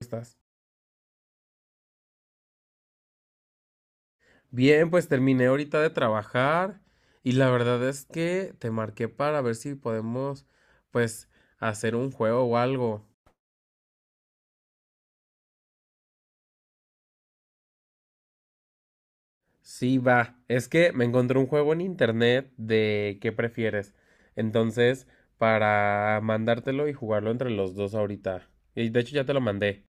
Estás? Bien, pues terminé ahorita de trabajar y la verdad es que te marqué para ver si podemos, pues, hacer un juego o algo. Sí, va. Es que me encontré un juego en internet de qué prefieres. Entonces, para mandártelo y jugarlo entre los dos ahorita. Y de hecho ya te lo mandé.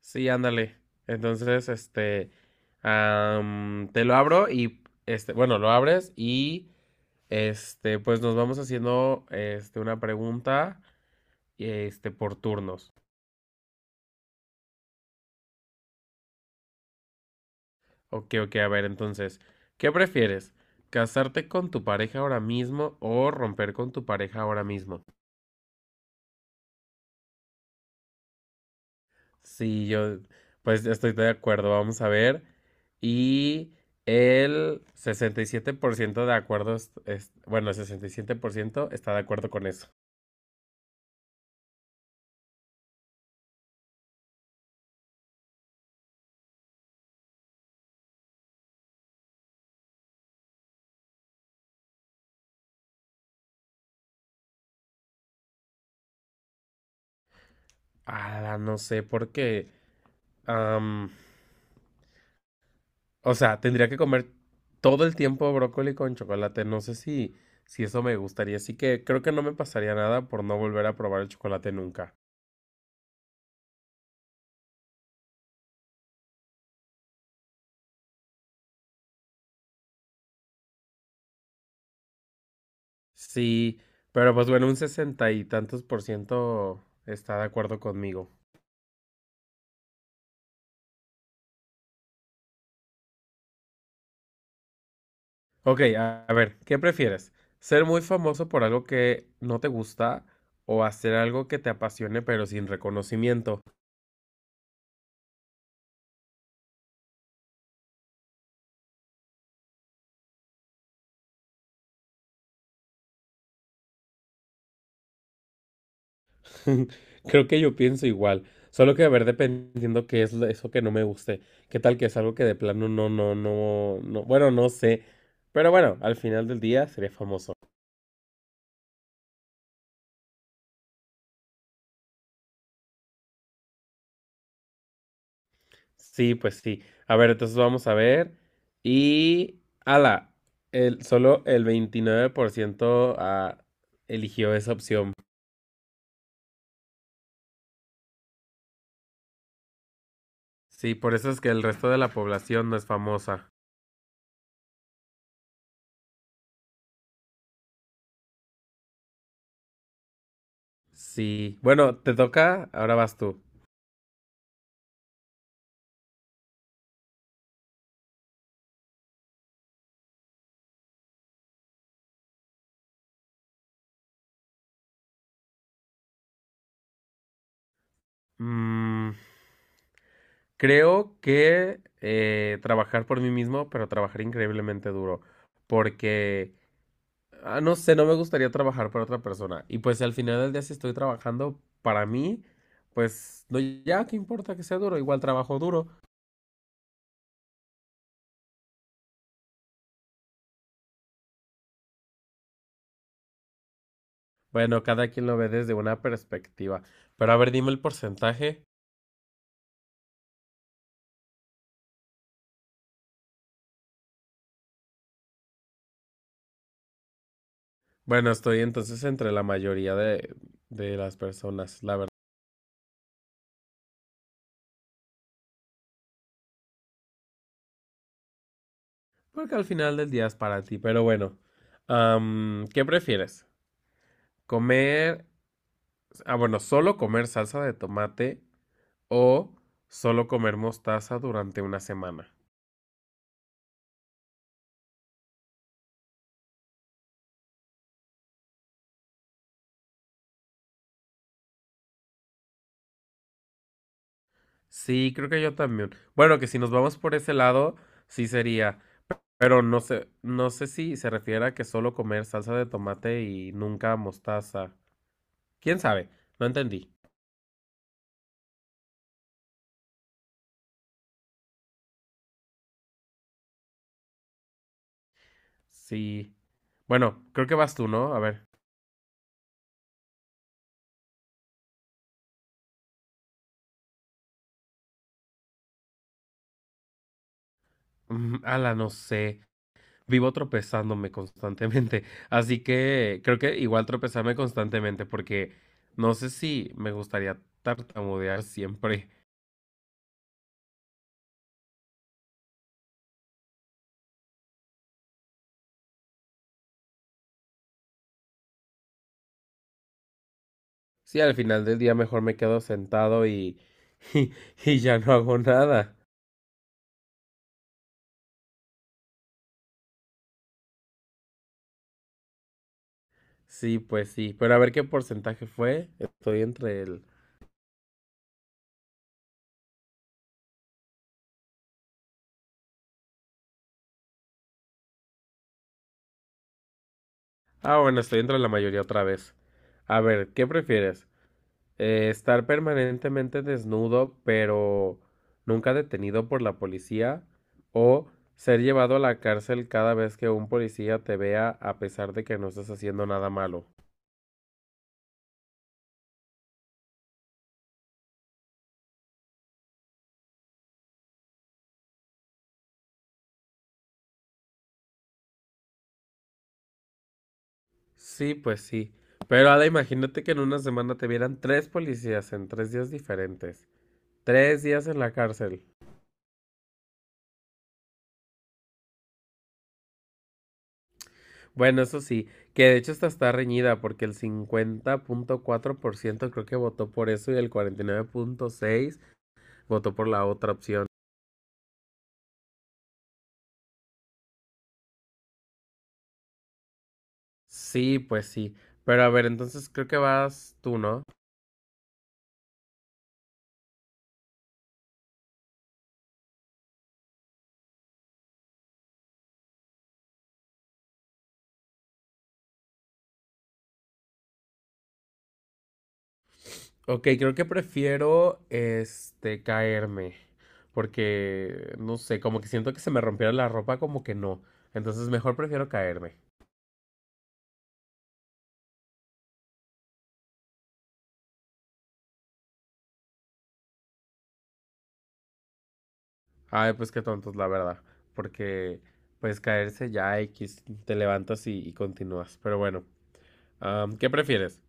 Sí, ándale. Entonces, te lo abro y, bueno, lo abres y pues nos vamos haciendo una pregunta por turnos. Ok, ok, a ver, entonces, ¿qué prefieres? ¿Casarte con tu pareja ahora mismo o romper con tu pareja ahora mismo? Sí, yo, pues estoy de acuerdo, vamos a ver. Y el 67% de acuerdo, bueno, el 67% está de acuerdo con eso. Ah, no sé por qué. O sea, tendría que comer todo el tiempo brócoli con chocolate. No sé si eso me gustaría. Así que creo que no me pasaría nada por no volver a probar el chocolate nunca. Sí, pero pues bueno, un sesenta y tantos por ciento está de acuerdo conmigo. Ok, a ver, ¿qué prefieres? ¿Ser muy famoso por algo que no te gusta o hacer algo que te apasione pero sin reconocimiento? Creo que yo pienso igual, solo que a ver, dependiendo qué es eso que no me guste, qué tal que es algo que de plano no, no, no, no, bueno, no sé, pero bueno, al final del día sería famoso. Sí, pues sí. A ver, entonces vamos a ver y ala, solo el 29% eligió esa opción. Sí, por eso es que el resto de la población no es famosa. Sí, bueno, te toca, ahora vas tú. Mm. Creo que trabajar por mí mismo, pero trabajar increíblemente duro, porque, no sé, no me gustaría trabajar para otra persona. Y pues al final del día, si estoy trabajando para mí, pues no, ya, ¿qué importa que sea duro? Igual trabajo duro. Bueno, cada quien lo ve desde una perspectiva. Pero a ver, dime el porcentaje. Bueno, estoy entonces entre la mayoría de las personas, la verdad. Porque al final del día es para ti, pero bueno. ¿Qué prefieres? ¿Comer bueno, solo comer salsa de tomate o solo comer mostaza durante una semana. Sí, creo que yo también. Bueno, que si nos vamos por ese lado, sí sería. Pero no sé, no sé si se refiere a que solo comer salsa de tomate y nunca mostaza. ¿Quién sabe? No entendí. Sí. Bueno, creo que vas tú, ¿no? A ver. Ala, no sé. Vivo tropezándome constantemente. Así que creo que igual tropezarme constantemente porque no sé si me gustaría tartamudear siempre. Sí, al final del día mejor me quedo sentado y, y, ya no hago nada. Sí, pues sí. Pero a ver qué porcentaje fue. Ah, bueno, estoy entre la mayoría otra vez. A ver, ¿qué prefieres? Estar permanentemente desnudo, pero nunca detenido por la policía, o ser llevado a la cárcel cada vez que un policía te vea a pesar de que no estás haciendo nada malo. Sí, pues sí. Pero Ada, imagínate que en una semana te vieran tres policías en 3 días diferentes. 3 días en la cárcel. Bueno, eso sí, que de hecho esta está reñida porque el 50.4% creo que votó por eso y el 49.6% votó por la otra opción. Sí, pues sí. Pero a ver, entonces creo que vas tú, ¿no? Ok, creo que prefiero caerme. Porque no sé, como que siento que se me rompiera la ropa, como que no. Entonces mejor prefiero caerme. Ay, pues qué tontos, la verdad. Porque pues caerse ya X, te levantas y continúas. Pero bueno, ¿qué prefieres?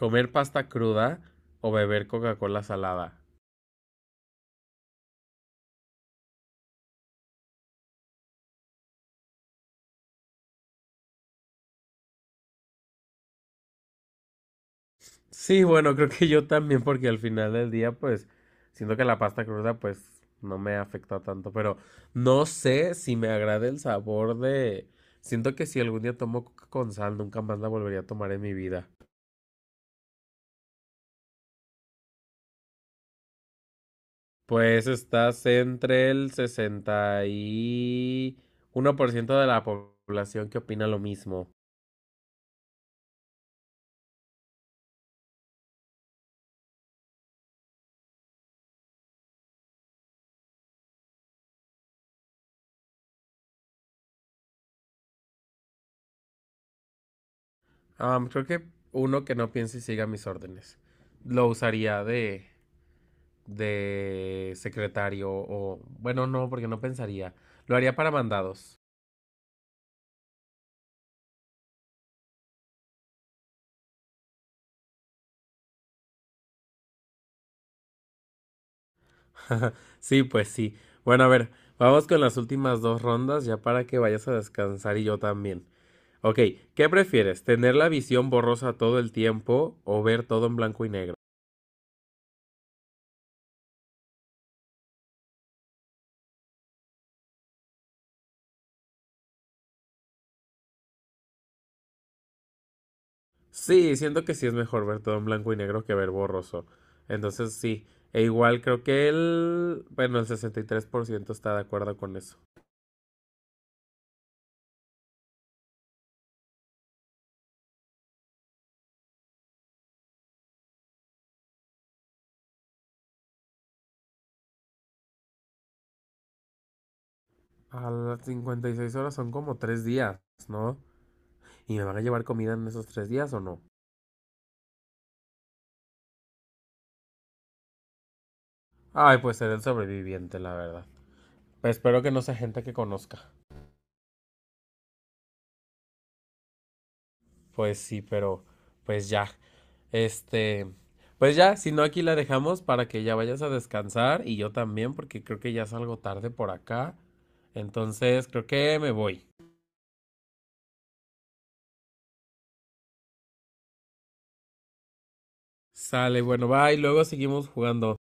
¿Comer pasta cruda o beber Coca-Cola salada? Sí, bueno, creo que yo también, porque al final del día, pues, siento que la pasta cruda, pues, no me afecta tanto, pero no sé si me agrada el sabor de. Siento que si algún día tomo coca con sal, nunca más la volvería a tomar en mi vida. Pues estás entre el 61% de la población que opina lo mismo. Ah, creo que uno que no piense y siga mis órdenes. Lo usaría de secretario o bueno, no, porque no pensaría. Lo haría para mandados. Sí, pues sí. Bueno, a ver, vamos con las últimas dos rondas ya para que vayas a descansar y yo también. Ok, ¿qué prefieres? ¿Tener la visión borrosa todo el tiempo o ver todo en blanco y negro? Sí, siento que sí es mejor ver todo en blanco y negro que ver borroso. Entonces sí, e igual creo que Bueno, el 63% está de acuerdo con eso. A las 56 horas son como 3 días, ¿no? ¿Y me van a llevar comida en esos 3 días o no? Ay, pues seré el sobreviviente, la verdad. Pero espero que no sea gente que conozca. Pues sí, pero pues ya. Este, pues ya, si no aquí la dejamos para que ya vayas a descansar y yo también porque creo que ya salgo tarde por acá. Entonces, creo que me voy. Sale, bueno, bye, luego seguimos jugando.